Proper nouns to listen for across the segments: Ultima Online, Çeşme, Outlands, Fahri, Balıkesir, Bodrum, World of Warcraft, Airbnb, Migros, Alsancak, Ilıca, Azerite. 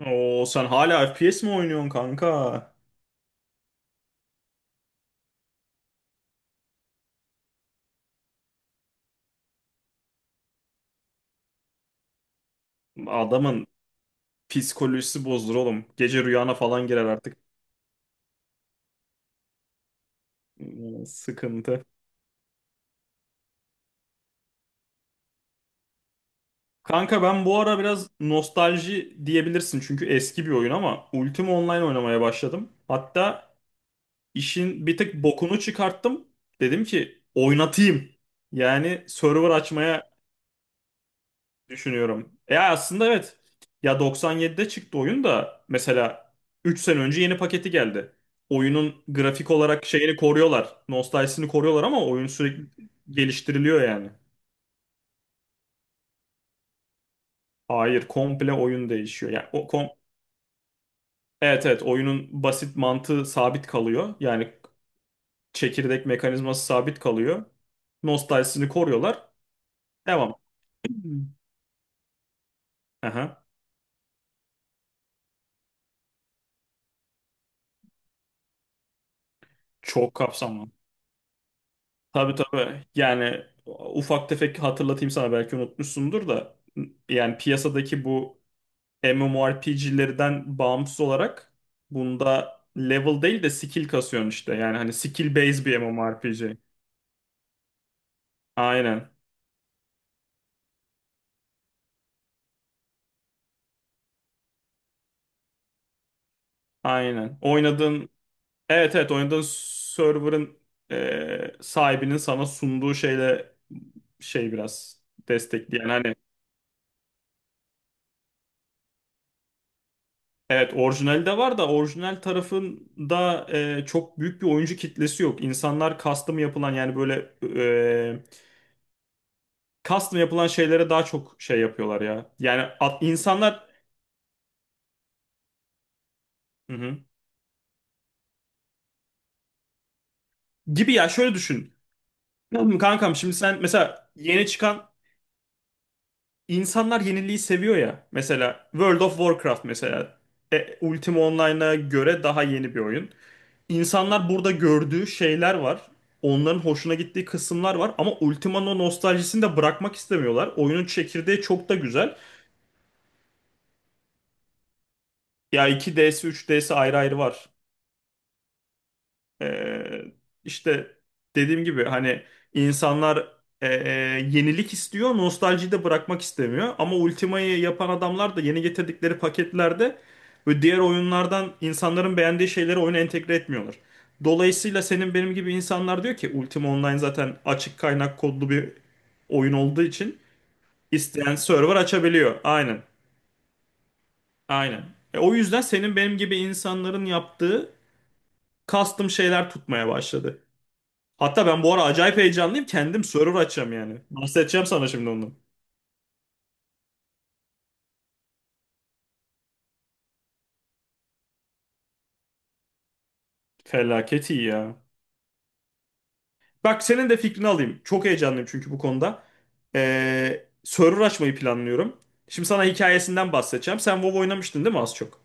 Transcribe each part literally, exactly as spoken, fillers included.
Oo sen hala F P S mi oynuyorsun kanka? Adamın psikolojisi bozdur oğlum. Gece rüyana falan girer artık. Hmm, sıkıntı. Kanka ben bu ara biraz nostalji diyebilirsin çünkü eski bir oyun ama Ultima Online oynamaya başladım. Hatta işin bir tık bokunu çıkarttım. Dedim ki oynatayım. Yani server açmaya düşünüyorum. Ya aslında evet. Ya doksan yedide çıktı oyun da mesela üç sene önce yeni paketi geldi. Oyunun grafik olarak şeyini koruyorlar. Nostaljisini koruyorlar ama oyun sürekli geliştiriliyor yani. Hayır, komple oyun değişiyor. Yani o kom Evet, evet, oyunun basit mantığı sabit kalıyor. Yani çekirdek mekanizması sabit kalıyor. Nostaljisini koruyorlar. Devam. Aha. Çok kapsamlı. Tabii, tabii. Yani ufak tefek hatırlatayım sana belki unutmuşsundur da yani piyasadaki bu M M O R P G'lerden bağımsız olarak bunda level değil de skill kasıyorsun işte. Yani hani skill based bir MMORPG. Aynen. Aynen. Oynadığın evet evet oynadığın server'ın e, sahibinin sana sunduğu şeyle şey biraz destekleyen hani. Evet, orijinali de var da orijinal tarafında e, çok büyük bir oyuncu kitlesi yok. İnsanlar custom yapılan yani böyle e, custom yapılan şeylere daha çok şey yapıyorlar ya. Yani at- insanlar. Hı hı. Gibi ya, şöyle düşün. Kankam şimdi sen mesela yeni çıkan insanlar yeniliği seviyor ya. Mesela World of Warcraft mesela e, Ultima Online'a göre daha yeni bir oyun. İnsanlar burada gördüğü şeyler var. Onların hoşuna gittiği kısımlar var ama Ultima'nın o nostaljisini de bırakmak istemiyorlar. Oyunun çekirdeği çok da güzel. Ya iki D'si üç D'si ayrı ayrı var. Ee, işte dediğim gibi hani insanlar e, e, yenilik istiyor, nostaljiyi de bırakmak istemiyor. Ama Ultima'yı yapan adamlar da yeni getirdikleri paketlerde ve diğer oyunlardan insanların beğendiği şeyleri oyuna entegre etmiyorlar. Dolayısıyla senin benim gibi insanlar diyor ki Ultima Online zaten açık kaynak kodlu bir oyun olduğu için isteyen server açabiliyor. Aynen. Aynen. E, o yüzden senin benim gibi insanların yaptığı custom şeyler tutmaya başladı. Hatta ben bu ara acayip heyecanlıyım. Kendim server açacağım yani. Bahsedeceğim sana şimdi onu. Felaket iyi ya. Bak senin de fikrini alayım. Çok heyecanlıyım çünkü bu konuda. Ee, server açmayı planlıyorum. Şimdi sana hikayesinden bahsedeceğim. Sen WoW oynamıştın değil mi az çok?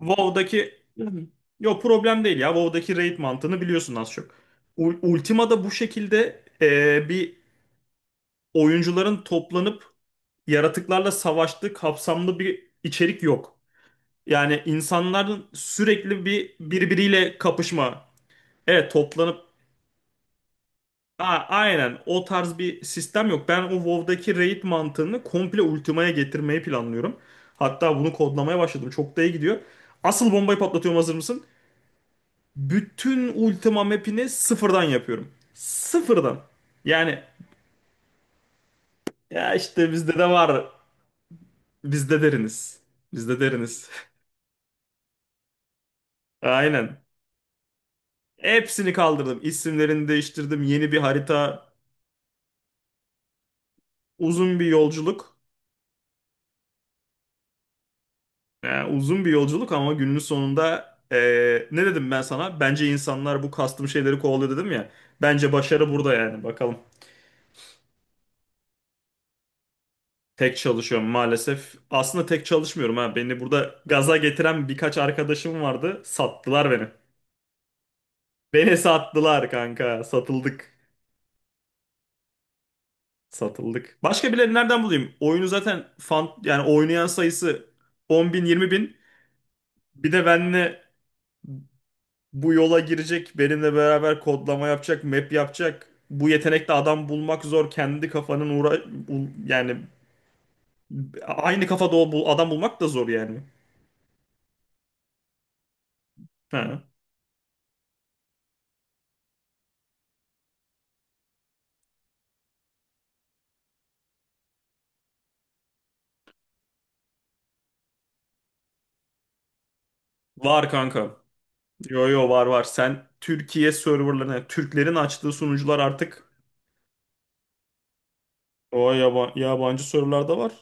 WoW'daki... Hı hı. Yo, problem değil ya. WoW'daki raid mantığını biliyorsun az çok. U- Ultima'da bu şekilde ee, bir oyuncuların toplanıp yaratıklarla savaştığı kapsamlı bir içerik yok. Yani insanların sürekli bir birbiriyle kapışma. Evet, toplanıp a aynen, o tarz bir sistem yok. Ben o WoW'daki raid mantığını komple Ultima'ya getirmeyi planlıyorum. Hatta bunu kodlamaya başladım. Çok da iyi gidiyor. Asıl bombayı patlatıyorum, hazır mısın? Bütün Ultima map'ini sıfırdan yapıyorum. Sıfırdan. Yani ya işte bizde de var. Bizde deriniz. Bizde deriniz. Aynen. Hepsini kaldırdım. İsimlerini değiştirdim. Yeni bir harita Uzun bir yolculuk. Yani uzun bir yolculuk ama günün sonunda eee, ne dedim ben sana? Bence insanlar bu kastım şeyleri kovalıyor dedim ya. Bence başarı burada yani. Bakalım. Tek çalışıyorum maalesef. Aslında tek çalışmıyorum ha. Beni burada gaza getiren birkaç arkadaşım vardı. Sattılar beni. Beni sattılar kanka. Satıldık. Satıldık. Başka birileri nereden bulayım? Oyunu zaten fan yani oynayan sayısı 10 bin 20 bin. Bir de benle bu yola girecek, benimle beraber kodlama yapacak, map yapacak. Bu yetenekte adam bulmak zor. Kendi kafanın uğra bul- yani aynı kafada o bul- adam bulmak da zor yani. Ha. Var kanka. Yo, yo, var, var. Sen Türkiye serverlarına, Türklerin açtığı sunucular artık o yaba- yabancı serverlar da var.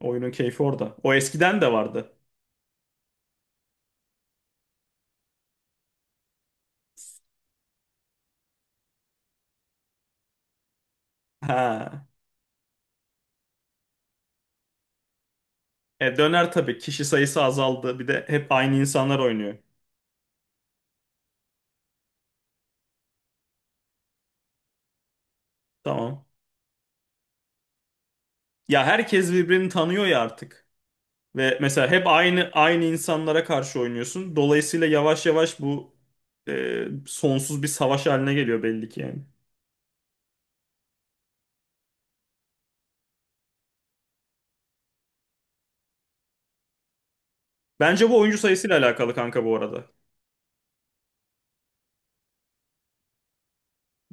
Oyunun keyfi orada. O eskiden de vardı. Ha. E, döner tabii. Kişi sayısı azaldı. Bir de hep aynı insanlar oynuyor. Tamam. Ya herkes birbirini tanıyor ya artık. Ve mesela hep aynı aynı insanlara karşı oynuyorsun. Dolayısıyla yavaş yavaş bu e, sonsuz bir savaş haline geliyor belli ki yani. Bence bu oyuncu sayısıyla alakalı kanka bu arada.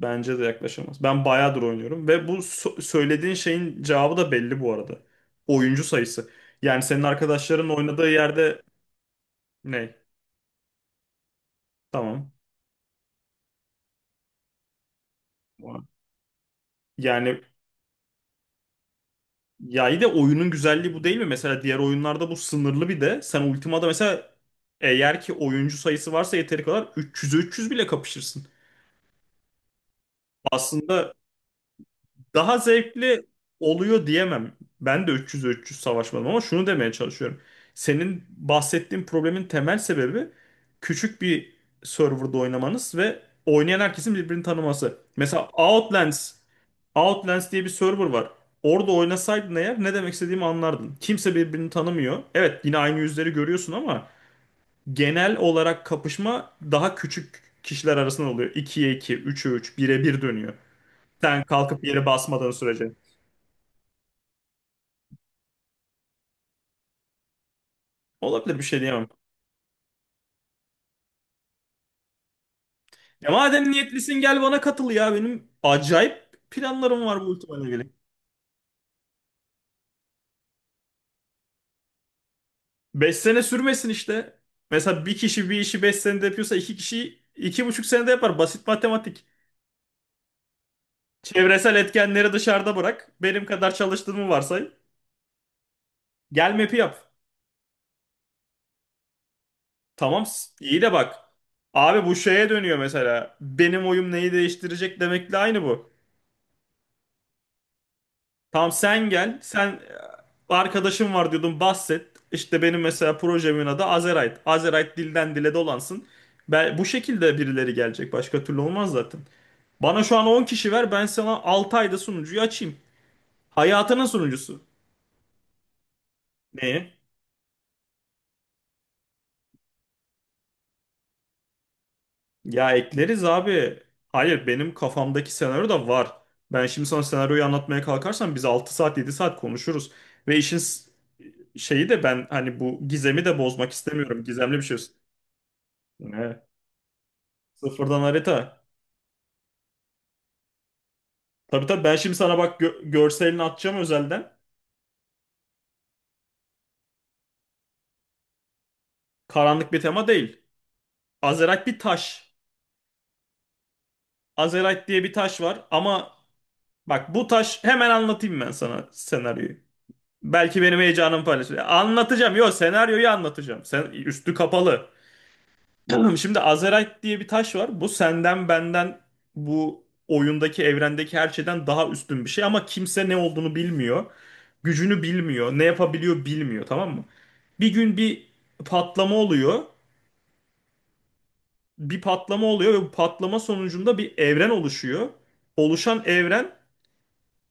Bence de yaklaşamaz. Ben bayağıdır oynuyorum ve bu so- söylediğin şeyin cevabı da belli bu arada. Oyuncu sayısı. Yani senin arkadaşların oynadığı yerde ne? Tamam. Yani, ya iyi de oyunun güzelliği bu değil mi? Mesela diğer oyunlarda bu sınırlı bir de. Sen Ultima'da mesela eğer ki oyuncu sayısı varsa yeteri kadar üç yüze üç yüz bile kapışırsın. Aslında daha zevkli oluyor diyemem. Ben de üç yüz üç yüz savaşmadım ama şunu demeye çalışıyorum. Senin bahsettiğin problemin temel sebebi küçük bir serverda oynamanız ve oynayan herkesin birbirini tanıması. Mesela Outlands, Outlands diye bir server var. Orada oynasaydın eğer ne demek istediğimi anlardın. Kimse birbirini tanımıyor. Evet, yine aynı yüzleri görüyorsun ama genel olarak kapışma daha küçük kişiler arasında oluyor. ikiye iki, üçe üç, bire bir dönüyor. Sen kalkıp yere basmadığın sürece. Olabilir, bir şey diyemem. Ya madem niyetlisin gel bana katıl ya. Benim acayip planlarım var bu ultimayla ilgili. Beş sene sürmesin işte. Mesela bir kişi bir işi beş senede yapıyorsa iki kişi iki buçuk senede yapar. Basit matematik. Çevresel etkenleri dışarıda bırak. Benim kadar çalıştığımı varsay. Gel map'i yap. Tamam s- iyi de bak. Abi bu şeye dönüyor mesela. Benim oyum neyi değiştirecek demekle aynı bu. Tamam, sen gel. Sen e, arkadaşım var diyordun, bahset. İşte benim mesela projemin adı Azerite. Azerite dilden dile dolansın. Ben, bu şekilde birileri gelecek. Başka türlü olmaz zaten. Bana şu an on kişi ver. Ben sana altı ayda sunucuyu açayım. Hayatının sunucusu. Ne? Ya ekleriz abi. Hayır, benim kafamdaki senaryo da var. Ben şimdi sana senaryoyu anlatmaya kalkarsam biz altı saat yedi saat konuşuruz. Ve işin s- şeyi de ben hani bu gizemi de bozmak istemiyorum. Gizemli bir şey olsun. Sıfırdan harita. Tabii, tabii ben şimdi sana bak gö- görselini atacağım özelden. Karanlık bir tema değil. Azerite bir taş. Azerite diye bir taş var ama bak bu taş, hemen anlatayım ben sana senaryoyu. Belki benim heyecanımı paylaşır. Anlatacağım. Yok, senaryoyu anlatacağım. Sen üstü kapalı. Tamam, şimdi Azerite diye bir taş var. Bu senden benden bu oyundaki evrendeki her şeyden daha üstün bir şey ama kimse ne olduğunu bilmiyor. Gücünü bilmiyor. Ne yapabiliyor bilmiyor, tamam mı? Bir gün bir patlama oluyor. Bir patlama oluyor ve bu patlama sonucunda bir evren oluşuyor. Oluşan evren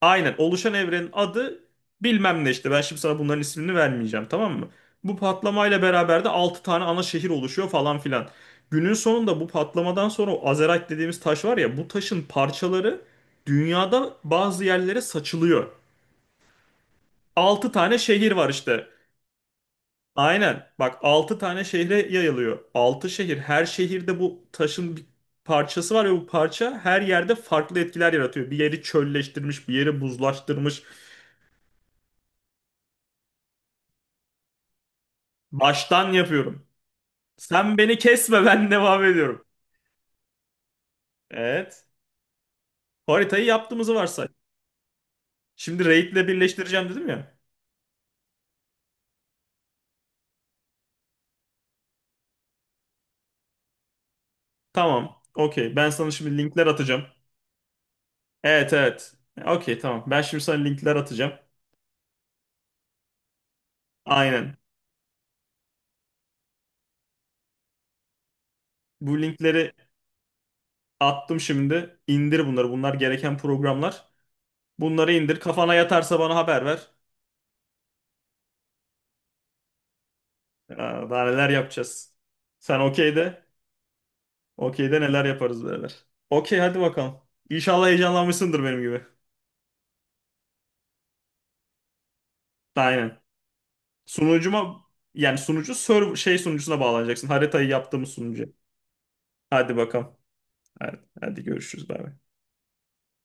Aynen, oluşan evrenin adı bilmem ne işte, ben şimdi sana bunların ismini vermeyeceğim, tamam mı? Bu patlamayla beraber de altı tane ana şehir oluşuyor falan filan. Günün sonunda bu patlamadan sonra o Azerite dediğimiz taş var ya, bu taşın parçaları dünyada bazı yerlere saçılıyor. Altı tane şehir var işte. Aynen, bak altı tane şehre yayılıyor. Altı şehir, her şehirde bu taşın bir parçası var ve bu parça her yerde farklı etkiler yaratıyor. Bir yeri çölleştirmiş, bir yeri buzlaştırmış. Baştan yapıyorum. Sen beni kesme, ben devam ediyorum. Evet. Haritayı yaptığımızı varsay. Şimdi raid'le birleştireceğim dedim ya. Tamam. Okey. Ben sana şimdi linkler atacağım. Evet, evet. Okey, tamam. Ben şimdi sana linkler atacağım. Aynen. Bu linkleri attım şimdi. İndir bunları. Bunlar gereken programlar. Bunları indir. Kafana yatarsa bana haber ver. Aa, daha neler yapacağız. Sen okey de. Okey de neler yaparız beraber. Okey hadi bakalım. İnşallah heyecanlanmışsındır benim gibi. Aynen. Sunucuma yani sunucu server şey sunucusuna bağlanacaksın. Haritayı yaptığımız sunucu. Hadi bakalım. Hadi, hadi görüşürüz. Bay bay.